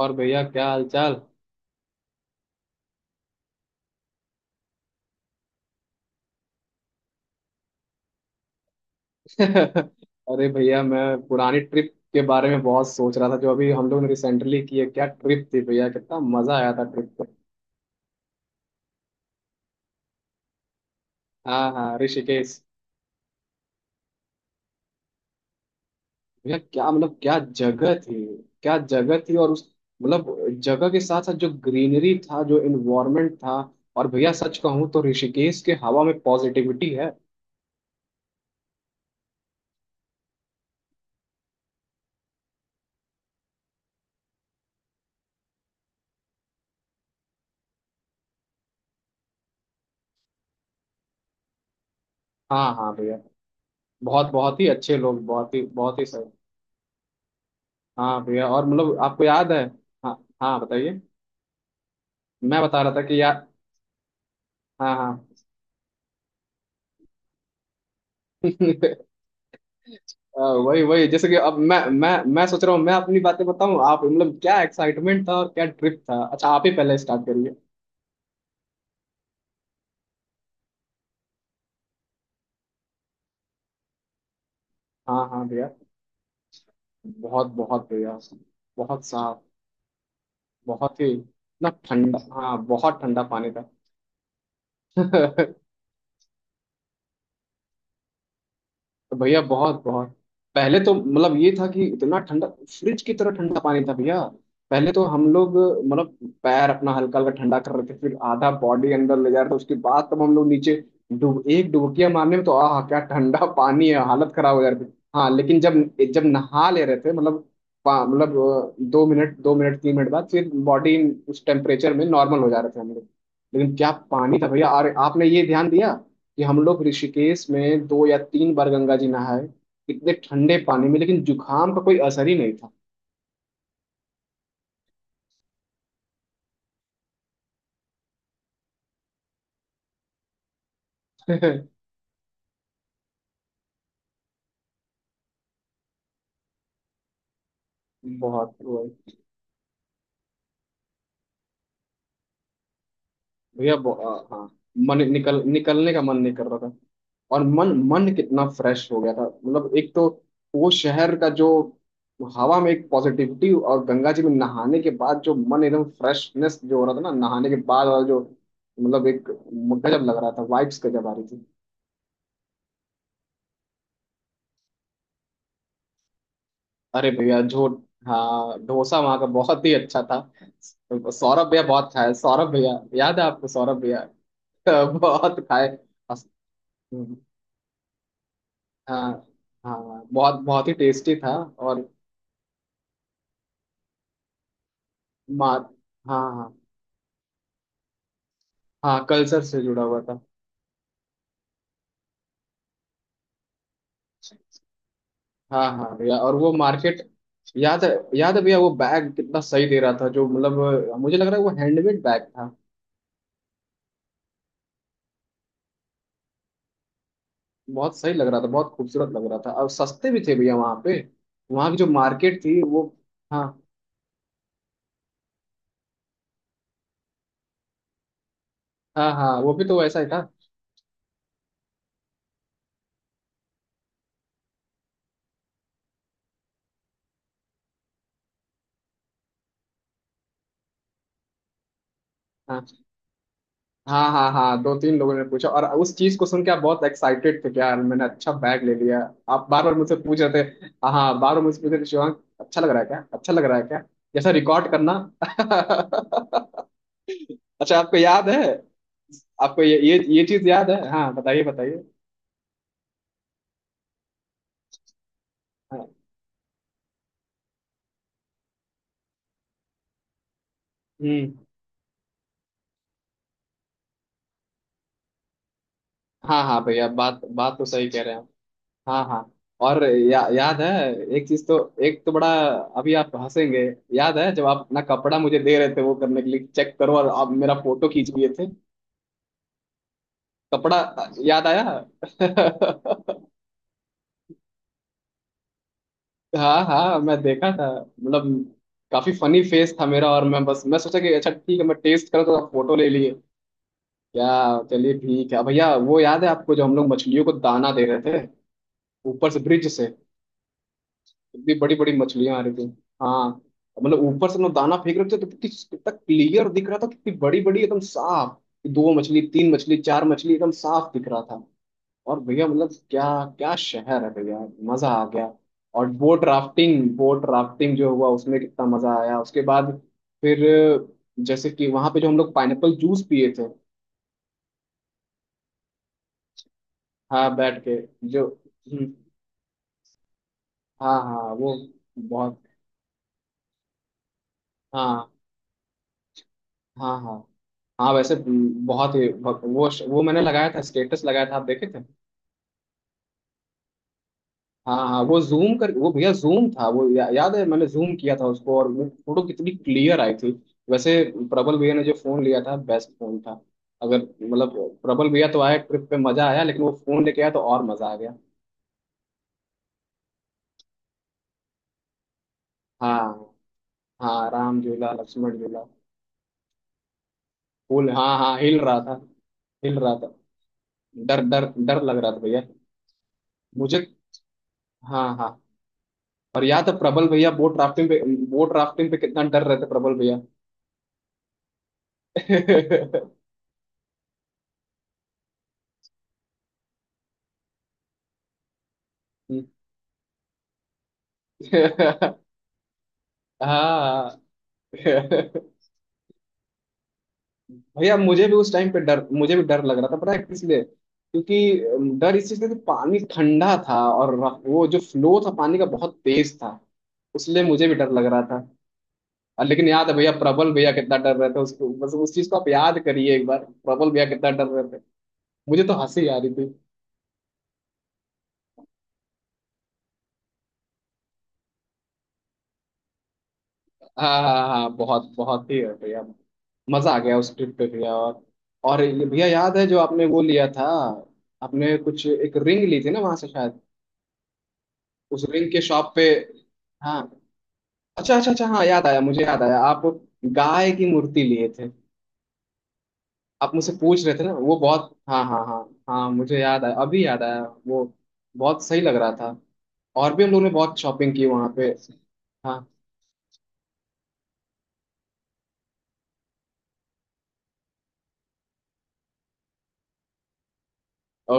और भैया क्या हाल चाल? अरे भैया मैं पुरानी ट्रिप के बारे में बहुत सोच रहा था जो अभी हम लोग ने रिसेंटली की है। क्या ट्रिप थी भैया, कितना मजा आया था ट्रिप पे। हाँ हाँ, ऋषिकेश। भैया क्या मतलब क्या जगह थी। क्या जगह थी, और उस मतलब जगह के साथ साथ जो ग्रीनरी था, जो इन्वायरमेंट था। और भैया सच कहूँ तो ऋषिकेश के हवा में पॉजिटिविटी है। हाँ हाँ भैया, बहुत बहुत ही अच्छे लोग, बहुत ही सही। हाँ भैया, और मतलब आपको याद है। हाँ हाँ, बताइए। मैं बता रहा था कि यार, हाँ हाँ। अ, वही वही जैसे कि अब मैं सोच रहा हूँ, मैं अपनी बातें बताऊँ, आप मतलब क्या एक्साइटमेंट था और क्या ट्रिप था। अच्छा आप ही पहले स्टार्ट करिए। हाँ हाँ भैया, बहुत बहुत भैया। बहुत साफ। बहुत ही ना ठंडा, हाँ बहुत ठंडा पानी था। तो भैया बहुत बहुत, पहले तो मतलब ये था कि इतना ठंडा, फ्रिज की तरह ठंडा पानी था भैया। पहले तो हम लोग मतलब पैर अपना हल्का हल्का ठंडा कर रहे थे, फिर आधा बॉडी अंदर ले जा रहे थे, उसके बाद तब हम लोग नीचे डूब, एक डुबकिया मारने में तो आह क्या ठंडा पानी है, हालत खराब हो जा रही थी। हाँ लेकिन जब जब नहा ले रहे थे मतलब दो मिनट तीन मिनट बाद फिर बॉडी उस टेम्परेचर में नॉर्मल हो जा रहे थे हम लोग। लेकिन क्या पानी था भैया, और आपने ये ध्यान दिया कि हम लोग ऋषिकेश में दो या तीन बार गंगा जी नहाए इतने ठंडे पानी में, लेकिन जुकाम का कोई असर ही नहीं था। बहुत वो- हाँ मन निकल निकलने का मन नहीं कर रहा था। और मन मन कितना फ्रेश हो गया था, मतलब एक तो वो शहर का जो हवा में एक पॉजिटिविटी, और गंगा जी में नहाने के बाद जो मन एकदम फ्रेशनेस जो हो रहा था ना नहाने के बाद वाला जो, मतलब एक गजब लग रहा था, वाइब्स गजब आ रही। अरे भैया जो, हाँ डोसा वहाँ का बहुत ही अच्छा था। सौरभ भैया बहुत खाए सौरभ भैया, याद है आपको सौरभ भैया। बहुत खाए। अस- हाँ हाँ, बहुत बहुत ही टेस्टी था। और मा हाँ हाँ, हाँ कल्चर से जुड़ा हुआ था। हाँ हाँ भैया, और वो मार्केट याद है। याद है भैया वो बैग कितना सही दे रहा था, जो मतलब मुझे लग रहा है वो हैंडमेड बैग था। बहुत सही लग रहा था, बहुत खूबसूरत लग रहा था और सस्ते भी थे भैया वहाँ पे। वहाँ की जो मार्केट थी वो। हाँ, हाँ हाँ वो भी तो वैसा ही था। हाँ हाँ हाँ हाँ, दो तीन लोगों ने पूछा और उस चीज को सुन के आप बहुत एक्साइटेड थे कि यार मैंने अच्छा बैग ले लिया। आप बार बार मुझसे पूछ रहे थे, हाँ हाँ, बार बार मुझसे पूछ रहे थे, शिवांग अच्छा लग रहा है क्या, अच्छा लग रहा है क्या, जैसा रिकॉर्ड करना। अच्छा आपको याद है, आपको ये चीज याद है। हाँ बताइए बताइए। हाँ हम्म। हाँ हाँ भैया बात बात तो सही कह रहे हैं। हाँ हाँ। और याद है। एक चीज तो, एक तो बड़ा, अभी आप हंसेंगे। याद है जब आप अपना कपड़ा मुझे दे रहे थे, वो करने के लिए चेक करो, और आप मेरा फोटो खींच लिए थे। कपड़ा, याद आया। हाँ हाँ मैं देखा था, मतलब काफी फनी फेस था मेरा, और मैं बस मैं सोचा कि अच्छा ठीक है मैं टेस्ट करूँ, तो आप फोटो ले लिए। क्या, चलिए ठीक है भैया। वो याद है आपको, जो हम लोग मछलियों को दाना दे रहे थे ऊपर से ब्रिज से। इतनी बड़ी बड़ी मछलियां आ रही थी। हाँ, मतलब ऊपर से ना दाना फेंक रहे थे तो कितनी कितना क्लियर दिख रहा था, कितनी बड़ी बड़ी एकदम साफ। दो मछली तीन मछली चार मछली एकदम साफ दिख रहा था। और भैया मतलब क्या, क्या शहर है भैया, मजा आ गया। और बोट राफ्टिंग, बोट राफ्टिंग जो हुआ उसमें कितना मजा आया उसके बाद, फिर जैसे कि वहां पे जो हम लोग पाइनएप्पल जूस पिए थे। हाँ बैठ के, जो हम्म, हाँ हाँ वो बहुत, हाँ हाँ हाँ हाँ वैसे बहुत ही वो मैंने लगाया था, स्टेटस लगाया था, आप देखे थे। हाँ हाँ वो जूम कर, वो भैया जूम था वो, याद है मैंने जूम किया था उसको और वो फोटो कितनी क्लियर आई थी। वैसे प्रबल भैया ने जो फोन लिया था बेस्ट फोन था, अगर मतलब प्रबल भैया तो आया ट्रिप पे मजा आया, लेकिन वो फोन लेके आया तो और मजा आ गया। हाँ हाँ, राम झूला लक्ष्मण झूला। फूल हाँ हाँ हिल रहा था, हिल रहा था। डर डर डर लग रहा था भैया मुझे, हाँ हाँ। और याद है प्रबल भैया बोट राफ्टिंग पे, बोट राफ्टिंग पे कितना डर रहे थे प्रबल भैया। हाँ भैया मुझे भी उस टाइम पे डर, मुझे भी डर लग रहा था, पता है किस लिए, क्योंकि डर इस चीज का कि पानी ठंडा था और वो जो फ्लो था पानी का बहुत तेज था, उसलिए मुझे भी डर लग रहा था। और लेकिन याद है भैया प्रबल भैया कितना डर रहे थे, उसको बस उस चीज को आप याद करिए एक बार। प्रबल भैया कितना डर रहे थे। मुझे तो हंसी आ रही। हाँ हाँ हाँ हाँ, बहुत बहुत ही है भैया, मजा आ गया उस ट्रिप पे भैया। और ये भैया याद है जो आपने वो लिया था, आपने कुछ एक रिंग ली थी ना वहां से शायद, उस रिंग के शॉप पे। हाँ, अच्छा अच्छा अच्छा हाँ याद आया, मुझे याद आया आप गाय की मूर्ति लिए थे। आप मुझसे पूछ रहे थे ना वो बहुत, हाँ हाँ हाँ, हाँ मुझे याद आया अभी याद आया वो, बहुत सही लग रहा था। और भी हम लोगों ने बहुत शॉपिंग की वहां पे। हाँ। ओ।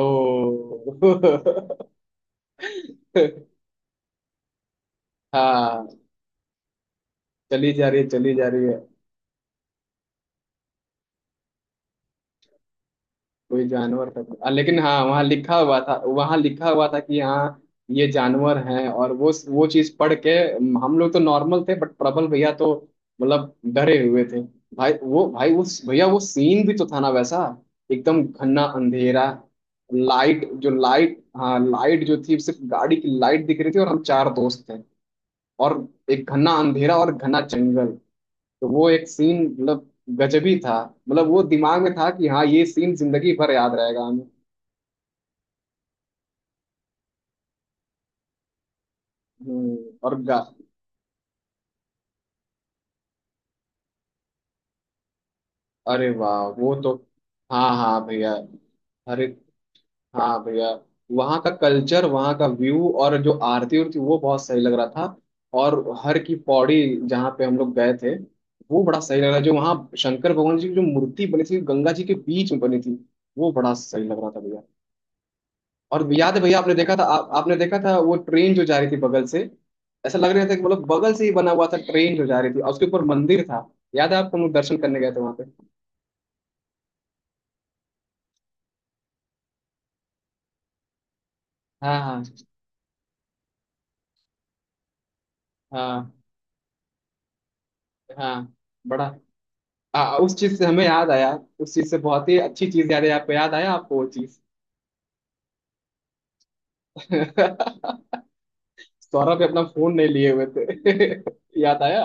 हाँ, चली जा रही है चली जा रही है। कोई जानवर तक लेकिन हाँ वहाँ लिखा हुआ था, वहाँ लिखा हुआ था कि हाँ ये जानवर हैं, और वो चीज पढ़ के हम लोग तो नॉर्मल थे, बट प्रबल भैया तो मतलब डरे हुए थे। भाई वो भाई उस भैया वो सीन भी तो था ना वैसा, एकदम घना अंधेरा। लाइट जो, लाइट हाँ लाइट जो थी सिर्फ गाड़ी की लाइट दिख रही थी, और हम चार दोस्त थे, और एक घना अंधेरा और घना जंगल। तो वो एक सीन मतलब गजबी था। मतलब वो दिमाग में था कि हाँ ये सीन जिंदगी भर याद रहेगा हमें। और गा अरे वाह वो तो, हाँ हाँ भैया। अरे हाँ भैया, वहाँ का कल्चर वहाँ का व्यू और जो आरती उरती वो बहुत सही लग रहा था। और हर की पौड़ी, जहाँ पे हम लोग गए थे, वो बड़ा सही लग रहा जो वहाँ शंकर भगवान जी की जो मूर्ति बनी थी गंगा जी के बीच में बनी थी, वो बड़ा सही लग रहा था भैया। और याद है भैया आपने देखा था, आपने देखा था वो ट्रेन जो जा रही थी बगल से, ऐसा लग रहा था कि मतलब बगल से ही बना हुआ था, ट्रेन जो जा रही थी और उसके ऊपर मंदिर था। याद है आपको, हम लोग दर्शन करने गए थे वहां पे। हाँ हाँ हाँ हाँ, बड़ा उस चीज से हमें याद आया, उस चीज से बहुत ही अच्छी चीज याद है, आपको याद आया आपको वो चीज। सौरभ भी अपना फोन नहीं लिए हुए थे। याद आया।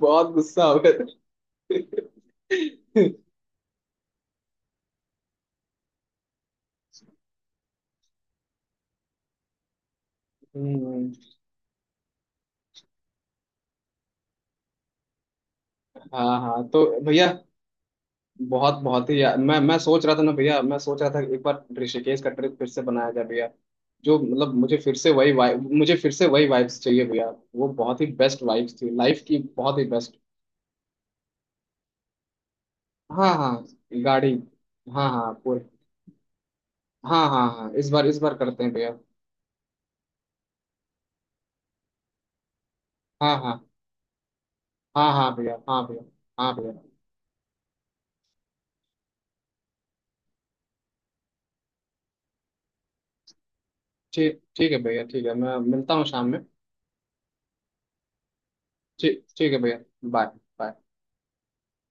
बहुत गुस्सा हो गया था। हम्म, हाँ हाँ तो भैया बहुत बहुत ही, यार मैं सोच रहा था ना भैया, मैं सोच रहा था एक बार ऋषिकेश का ट्रिप फिर से बनाया जाए भैया। जो मतलब मुझे फिर से वही वाइब, मुझे फिर से वही वाइब्स चाहिए भैया। वो बहुत ही बेस्ट वाइब्स थी लाइफ की, बहुत ही बेस्ट। हाँ हाँ, गाड़ी, हाँ हाँ पूरे, हाँ हाँ हाँ इस बार करते हैं भैया। हाँ हाँ हाँ हाँ भैया, हाँ भैया, हाँ भैया। ठीक ठीक है भैया, ठीक है, मैं मिलता हूँ शाम में। ठीक ठीक है भैया, बाय बाय।